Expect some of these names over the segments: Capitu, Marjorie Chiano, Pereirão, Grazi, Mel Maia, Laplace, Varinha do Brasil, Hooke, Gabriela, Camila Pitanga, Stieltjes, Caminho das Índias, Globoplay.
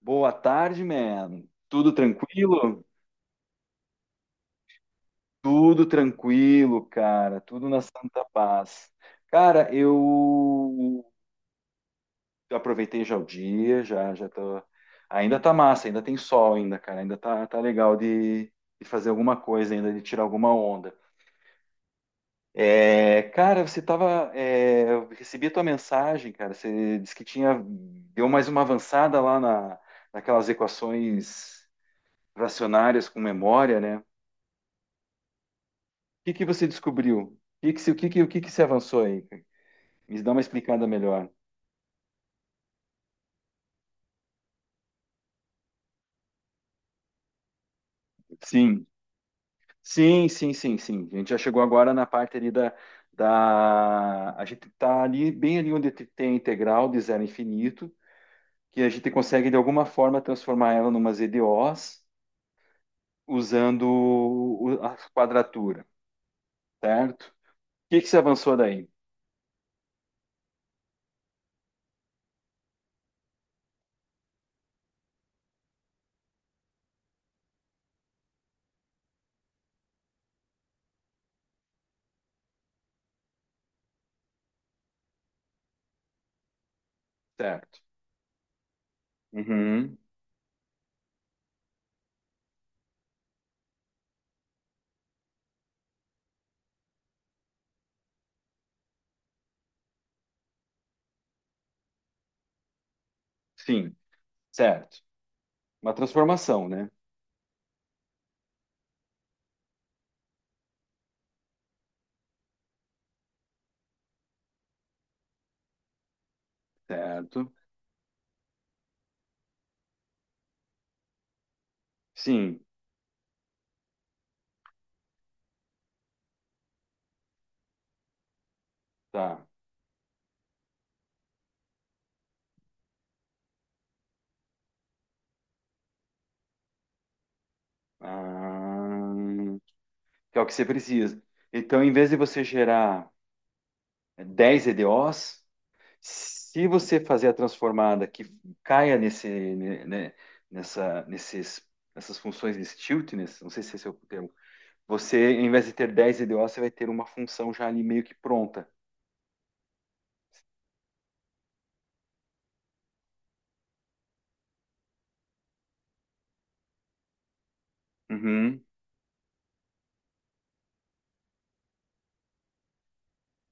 Boa tarde, man. Tudo tranquilo? Tudo tranquilo, cara. Tudo na santa paz. Cara, eu aproveitei já o dia, já já tô. Ainda tá massa, ainda tem sol ainda, cara. Ainda tá legal de fazer alguma coisa ainda, de tirar alguma onda. É, cara, eu recebi a tua mensagem, cara. Você disse que tinha. Deu mais uma avançada naquelas equações fracionárias com memória, né? Que você descobriu? O que que se avançou aí, cara? Me dá uma explicada melhor. Sim, sim. A gente já chegou agora na parte da... A gente está ali, bem ali onde tem a integral de zero a infinito, que a gente consegue, de alguma forma, transformar ela numa EDOs usando a quadratura, certo? O que que se avançou daí? Certo. Uhum. Sim, certo. Uma transformação, né? Certo. Sim, tá. Ah, que é o que você precisa. Então, em vez de você gerar 10 EDOs, se você fazer a transformada que caia nesse, né, nessa, nesses, nessas funções de stiltness, não sei se esse é o termo, você, em vez de ter 10 EDOs, você vai ter uma função já ali meio que pronta. Uhum,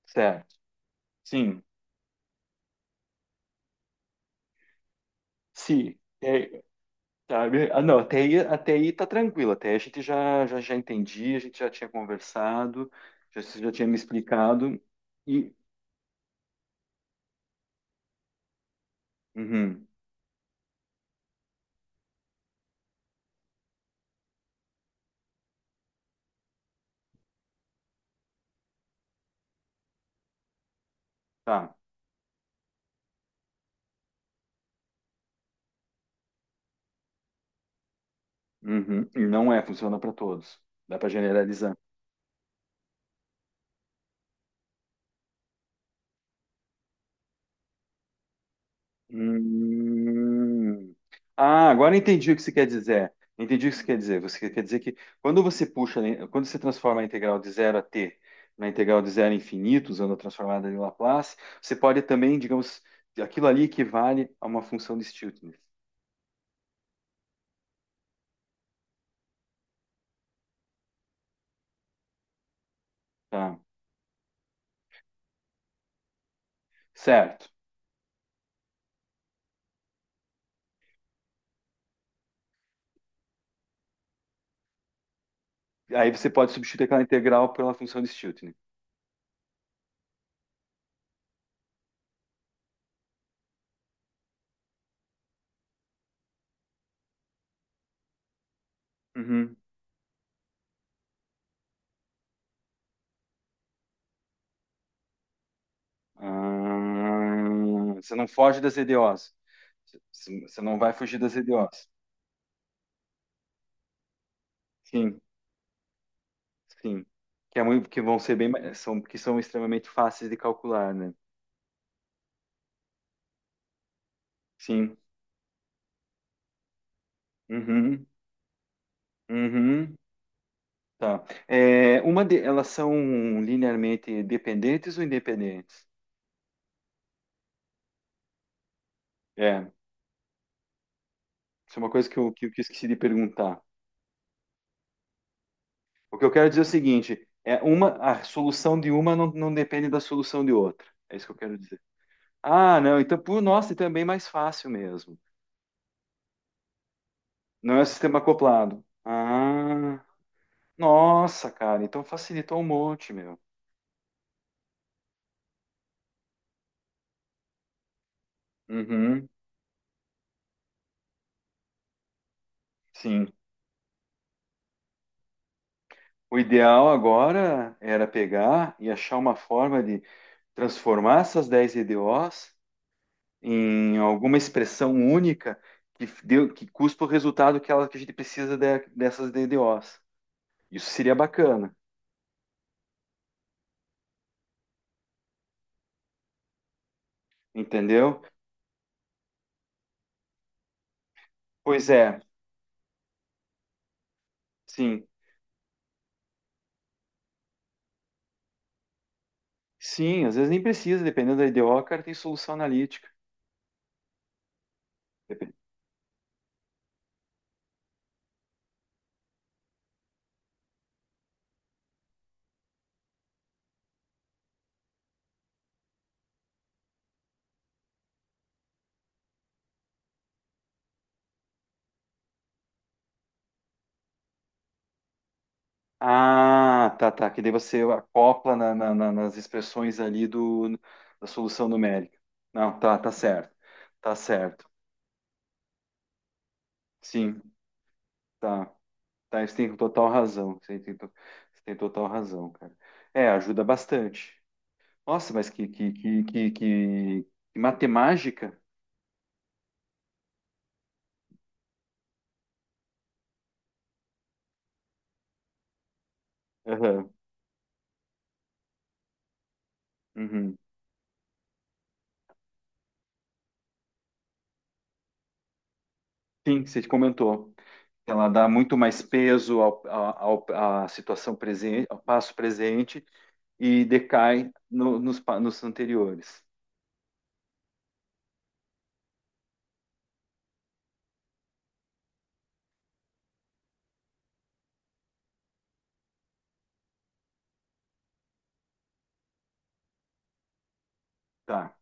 certo. Sim. Se, é, sabe? Ah, não, até aí tá tranquilo, até aí a gente já entendi, a gente já tinha conversado, já, você já tinha me explicado e... Uhum, tá, uhum, e não é, funciona para todos, dá para generalizar. Hum. Ah, agora entendi o que você quer dizer. Entendi o que você quer dizer. Você quer dizer que quando você puxa, né, quando você transforma a integral de zero a t na integral de zero a infinito, usando a transformada de Laplace, você pode também, digamos, aquilo ali equivale a uma função de Stieltjes. Tá. Certo. Aí você pode substituir aquela integral pela função de Stiltner. Uhum. Ah, você não foge das EDOs. Você não vai fugir das EDOs. Sim, sim. Que vão ser que são extremamente fáceis de calcular, né? Sim. Uhum. Uhum, tá. É, elas são linearmente dependentes ou independentes? É, isso é uma coisa que eu esqueci de perguntar. O que eu quero dizer é o seguinte: é uma, a solução de uma não depende da solução de outra. É isso que eu quero dizer. Ah, não, então, por nossa, então é bem mais fácil mesmo. Não é o sistema acoplado. Ah, nossa, cara, então facilitou um monte, meu. Uhum, sim. O ideal agora era pegar e achar uma forma de transformar essas 10 EDOs em alguma expressão única que cuspa o resultado que a gente precisa dessas EDOs. Isso seria bacana, entendeu? Pois é, sim. Sim, às vezes nem precisa, dependendo da IDO, cara, tem solução analítica. Ah, tá, tá. Que daí você acopla nas expressões ali da solução numérica. Não, tá, tá certo. Tá certo. Sim, tá. Tá, você tem total razão. Você tem total razão, cara. É, ajuda bastante. Nossa, que matemática. Aham, uhum. Sim, você comentou. Ela dá muito mais peso à situação presente, ao passo presente e decai nos anteriores. Tá.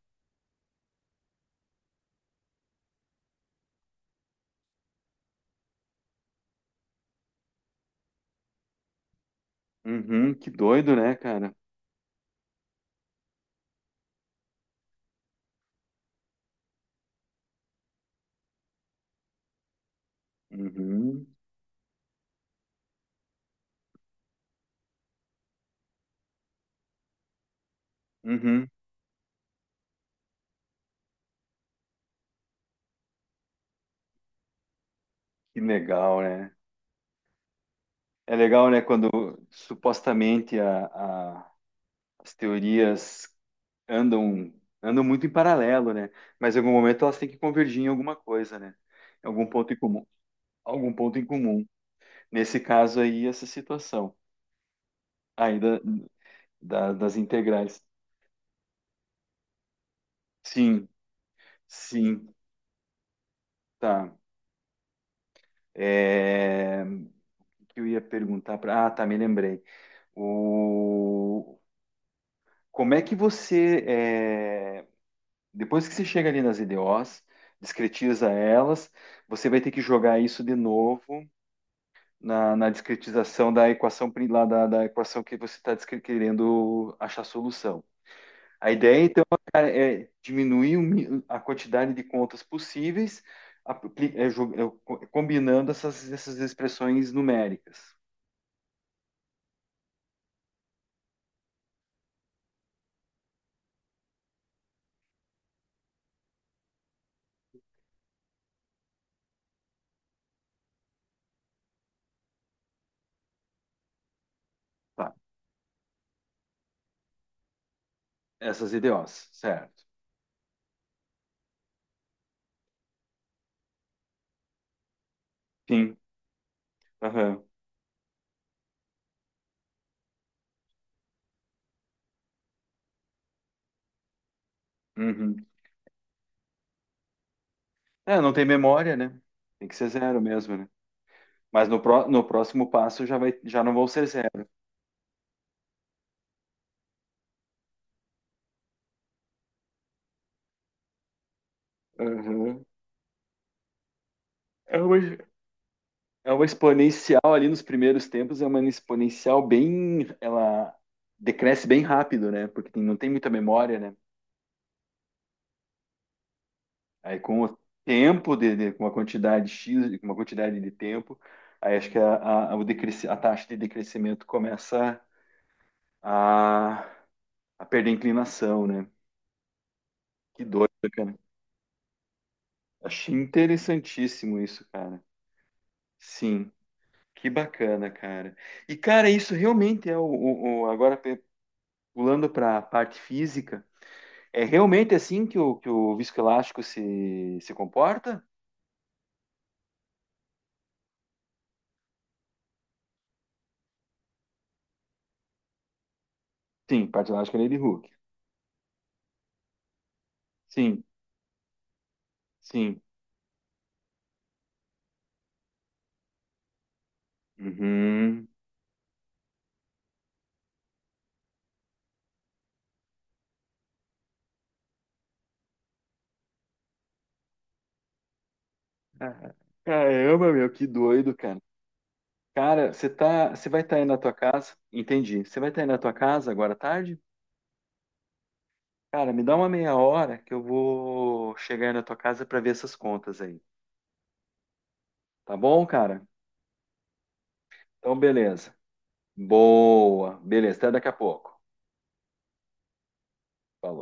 Uhum, que doido, né, cara? Uhum, uhum, que legal, né? É legal, né, quando supostamente as teorias andam, andam muito em paralelo, né? Mas em algum momento elas têm que convergir em alguma coisa, né? Em Algum ponto em comum, algum ponto em comum. Nesse caso aí, essa situação. Ainda das integrais. Sim, sim, tá. É, o que eu ia perguntar para. Ah, tá, me lembrei. O, como é que você, é, depois que você chega ali nas IDOs, discretiza elas, você vai ter que jogar isso de novo na discretização da equação da equação que você está querendo achar solução. A ideia então, é diminuir a quantidade de contas possíveis, é, é, combinando essas expressões numéricas, tá? Essas IDOs, certo? Sim. Aham. Uhum. É, não tem memória, né? Tem que ser zero mesmo, né? No próximo passo já vai, já não vão ser zero. Aham. É uma, é uma exponencial ali nos primeiros tempos, é uma exponencial bem, ela decresce bem rápido, né? Porque não tem muita memória, né? Aí com o tempo com uma quantidade X, com uma quantidade de tempo, aí acho que a taxa de decrescimento começa a, a perder inclinação, né? Que doido, cara. Achei interessantíssimo isso, cara. Sim, que bacana, cara. E, cara, isso realmente é agora pulando para a parte física, é realmente assim que que o viscoelástico se comporta? Sim, parte elástica é de Hooke. Sim, sim. Uhum. Ah, caramba, meu, que doido, cara. Cara, você vai estar aí na tua casa? Entendi. Você vai estar aí na tua casa agora à tarde? Cara, me dá uma meia hora que eu vou chegar aí na tua casa para ver essas contas aí. Tá bom, cara? Então, beleza. Boa. Beleza, até daqui a pouco. Falou.